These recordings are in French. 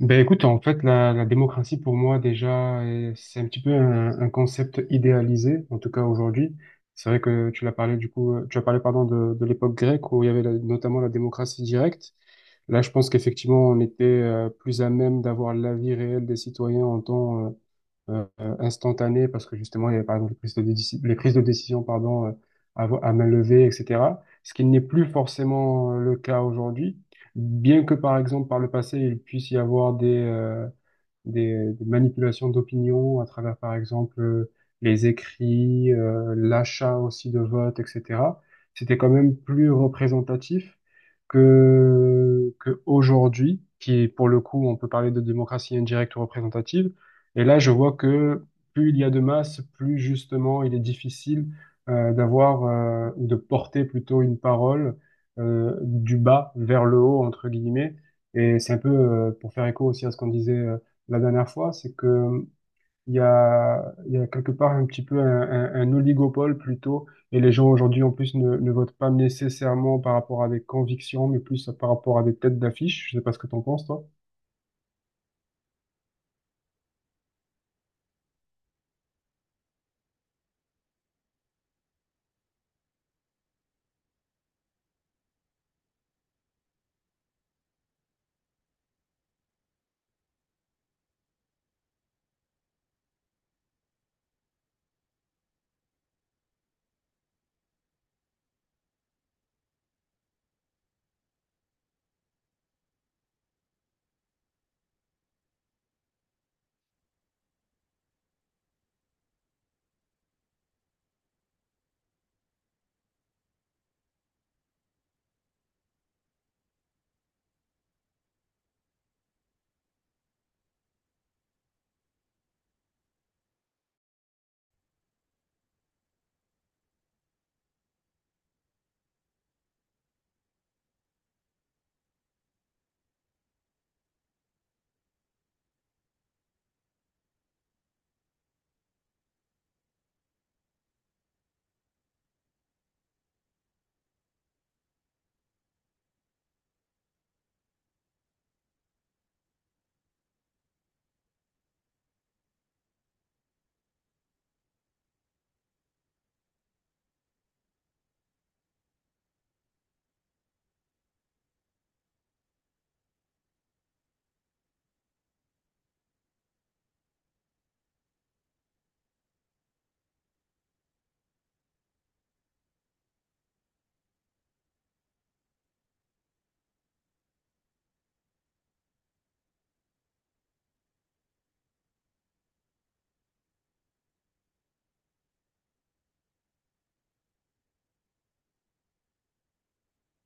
Ben écoute, en fait, la démocratie pour moi déjà, c'est un petit peu un concept idéalisé, en tout cas aujourd'hui. C'est vrai que tu l'as parlé du coup, tu as parlé pardon de l'époque grecque où il y avait notamment la démocratie directe. Là, je pense qu'effectivement, on était plus à même d'avoir l'avis réel des citoyens en temps instantanées parce que justement, il y avait par exemple les prises de décision pardon, à, à main levée, etc. Ce qui n'est plus forcément le cas aujourd'hui, bien que par exemple par le passé, il puisse y avoir des manipulations d'opinion à travers, par exemple, les écrits, l'achat aussi de votes, etc. C'était quand même plus représentatif que aujourd'hui, qui pour le coup, on peut parler de démocratie indirecte ou représentative. Et là, je vois que plus il y a de masse, plus justement il est difficile d'avoir ou de porter plutôt une parole du bas vers le haut, entre guillemets. Et c'est un peu, pour faire écho aussi à ce qu'on disait la dernière fois, c'est que il y a quelque part un petit peu un oligopole plutôt, et les gens aujourd'hui en plus ne votent pas nécessairement par rapport à des convictions, mais plus par rapport à des têtes d'affiche. Je sais pas ce que t'en penses, toi.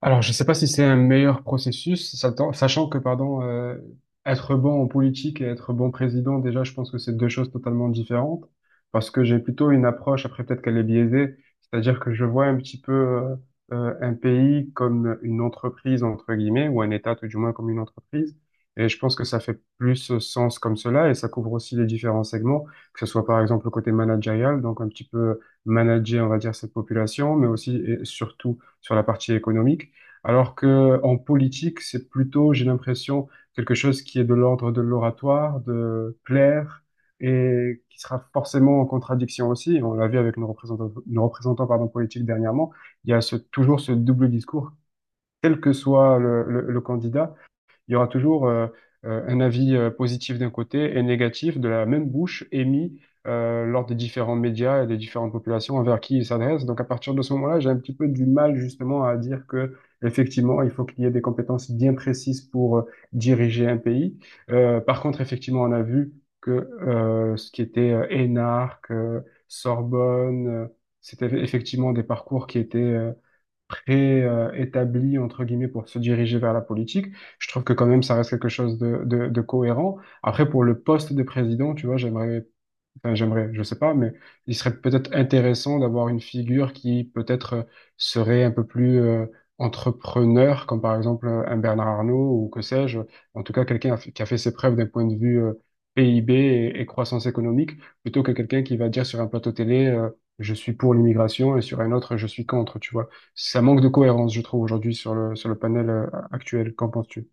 Alors, je ne sais pas si c'est un meilleur processus, sachant que, pardon, être bon en politique et être bon président, déjà, je pense que c'est deux choses totalement différentes, parce que j'ai plutôt une approche, après peut-être qu'elle est biaisée, c'est-à-dire que je vois un petit peu un pays comme une entreprise, entre guillemets, ou un État tout du moins comme une entreprise, et je pense que ça fait plus sens comme cela, et ça couvre aussi les différents segments, que ce soit par exemple le côté managérial, donc un petit peu manager, on va dire, cette population, mais aussi et surtout sur la partie économique. Alors que en politique, c'est plutôt, j'ai l'impression, quelque chose qui est de l'ordre de l'oratoire, de plaire, et qui sera forcément en contradiction aussi. On l'a vu avec nos représentants, pardon, politiques dernièrement. Il y a toujours ce double discours, quel que soit le candidat, il y aura toujours un avis positif d'un côté et négatif de la même bouche émis lors des différents médias et des différentes populations envers qui ils s'adressent. Donc à partir de ce moment-là, j'ai un petit peu du mal justement à dire que effectivement, il faut qu'il y ait des compétences bien précises pour diriger un pays. Par contre, effectivement, on a vu que ce qui était énarque, Sorbonne, c'était effectivement des parcours qui étaient pré-établi, entre guillemets, pour se diriger vers la politique. Je trouve que quand même, ça reste quelque chose de cohérent. Après, pour le poste de président, tu vois, j'aimerais enfin, j'aimerais, je sais pas, mais il serait peut-être intéressant d'avoir une figure qui peut-être serait un peu plus entrepreneur, comme par exemple un Bernard Arnault ou que sais-je. En tout cas, qui a fait ses preuves d'un point de vue PIB et croissance économique, plutôt que quelqu'un qui va dire sur un plateau télé, je suis pour l'immigration et sur un autre, je suis contre, tu vois. Ça manque de cohérence, je trouve, aujourd'hui sur le panel actuel. Qu'en penses-tu?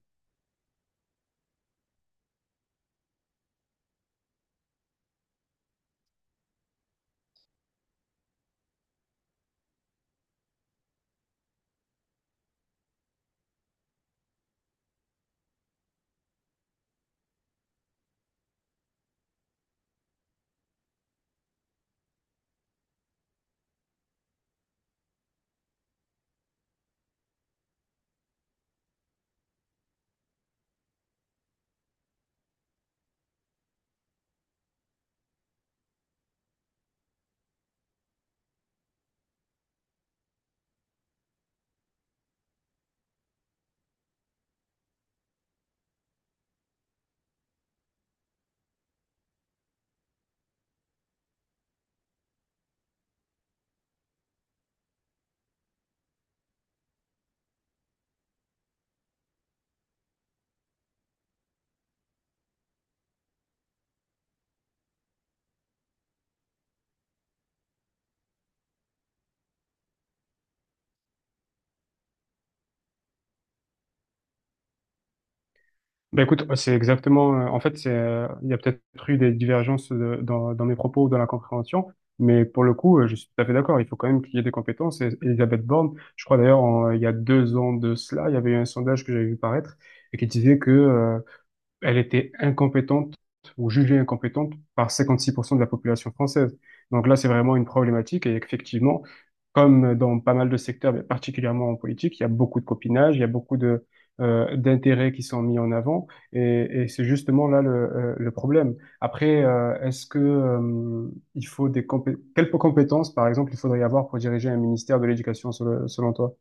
Ben écoute, ouais, c'est exactement. En fait, il y a peut-être eu des divergences dans mes propos ou dans la compréhension, mais pour le coup, je suis tout à fait d'accord. Il faut quand même qu'il y ait des compétences. Et Elisabeth Borne, je crois d'ailleurs, il y a 2 ans de cela, il y avait eu un sondage que j'avais vu paraître et qui disait que elle était incompétente ou jugée incompétente par 56% de la population française. Donc là, c'est vraiment une problématique et effectivement, comme dans pas mal de secteurs, mais particulièrement en politique, il y a beaucoup de copinage, il y a beaucoup de d'intérêts qui sont mis en avant et c'est justement là le problème. Après, est-ce que il faut quelles compétences, par exemple, il faudrait avoir pour diriger un ministère de l'éducation selon toi?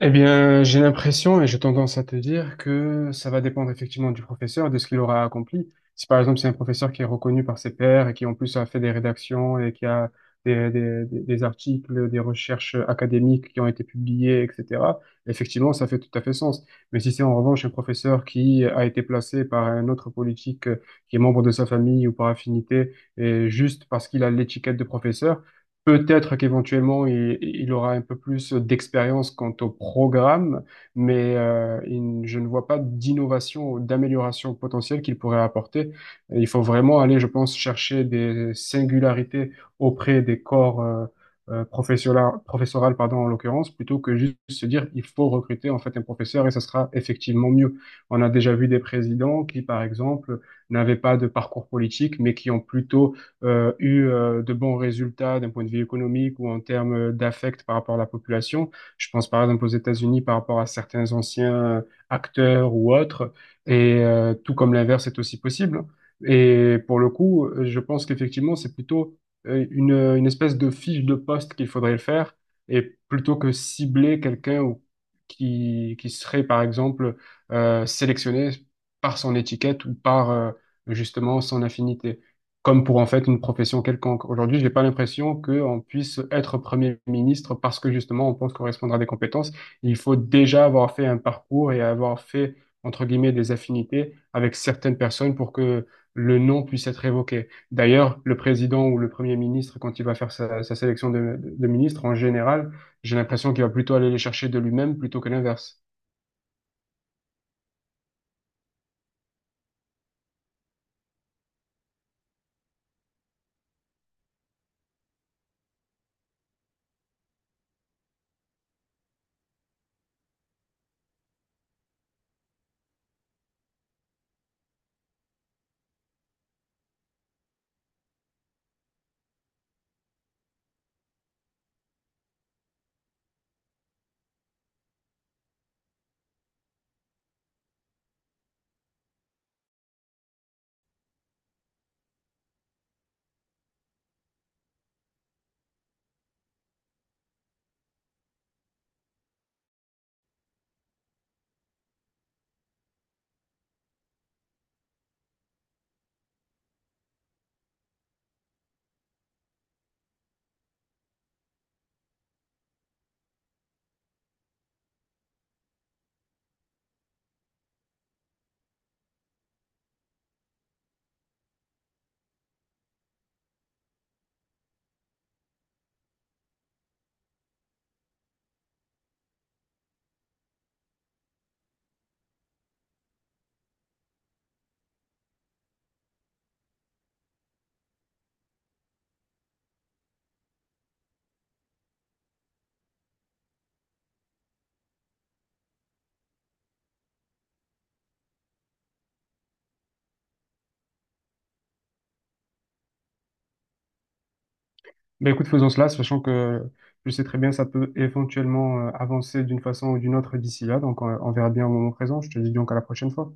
Eh bien, j'ai l'impression et j'ai tendance à te dire que ça va dépendre effectivement du professeur, de ce qu'il aura accompli. Si par exemple c'est un professeur qui est reconnu par ses pairs et qui en plus a fait des rédactions et qui a des articles, des recherches académiques qui ont été publiées, etc., effectivement, ça fait tout à fait sens. Mais si c'est en revanche un professeur qui a été placé par un autre politique qui est membre de sa famille ou par affinité, et juste parce qu'il a l'étiquette de professeur, peut-être qu'éventuellement, il aura un peu plus d'expérience quant au programme, mais je ne vois pas d'innovation ou d'amélioration potentielle qu'il pourrait apporter. Il faut vraiment aller, je pense, chercher des singularités auprès des corps professoral, pardon, en l'occurrence, plutôt que juste se dire il faut recruter en fait un professeur et ça sera effectivement mieux. On a déjà vu des présidents qui, par exemple, n'avaient pas de parcours politique, mais qui ont plutôt eu de bons résultats d'un point de vue économique ou en termes d'affect par rapport à la population. Je pense par exemple aux États-Unis par rapport à certains anciens acteurs ou autres, et tout comme l'inverse est aussi possible. Et pour le coup, je pense qu'effectivement, c'est plutôt une espèce de fiche de poste qu'il faudrait le faire, et plutôt que cibler quelqu'un ou qui serait, par exemple, sélectionné par son étiquette ou par justement son affinité comme pour en fait une profession quelconque. Aujourd'hui, je n'ai pas l'impression qu'on puisse être Premier ministre parce que justement on pense correspondre à des compétences. Il faut déjà avoir fait un parcours et avoir fait, entre guillemets, des affinités avec certaines personnes pour que le nom puisse être évoqué. D'ailleurs, le président ou le Premier ministre, quand il va faire sa sélection de, ministres, en général, j'ai l'impression qu'il va plutôt aller les chercher de lui-même plutôt que l'inverse. Ben écoute, faisons cela, sachant que je sais très bien ça peut éventuellement avancer d'une façon ou d'une autre d'ici là. Donc, on verra bien au moment présent. Je te dis donc à la prochaine fois.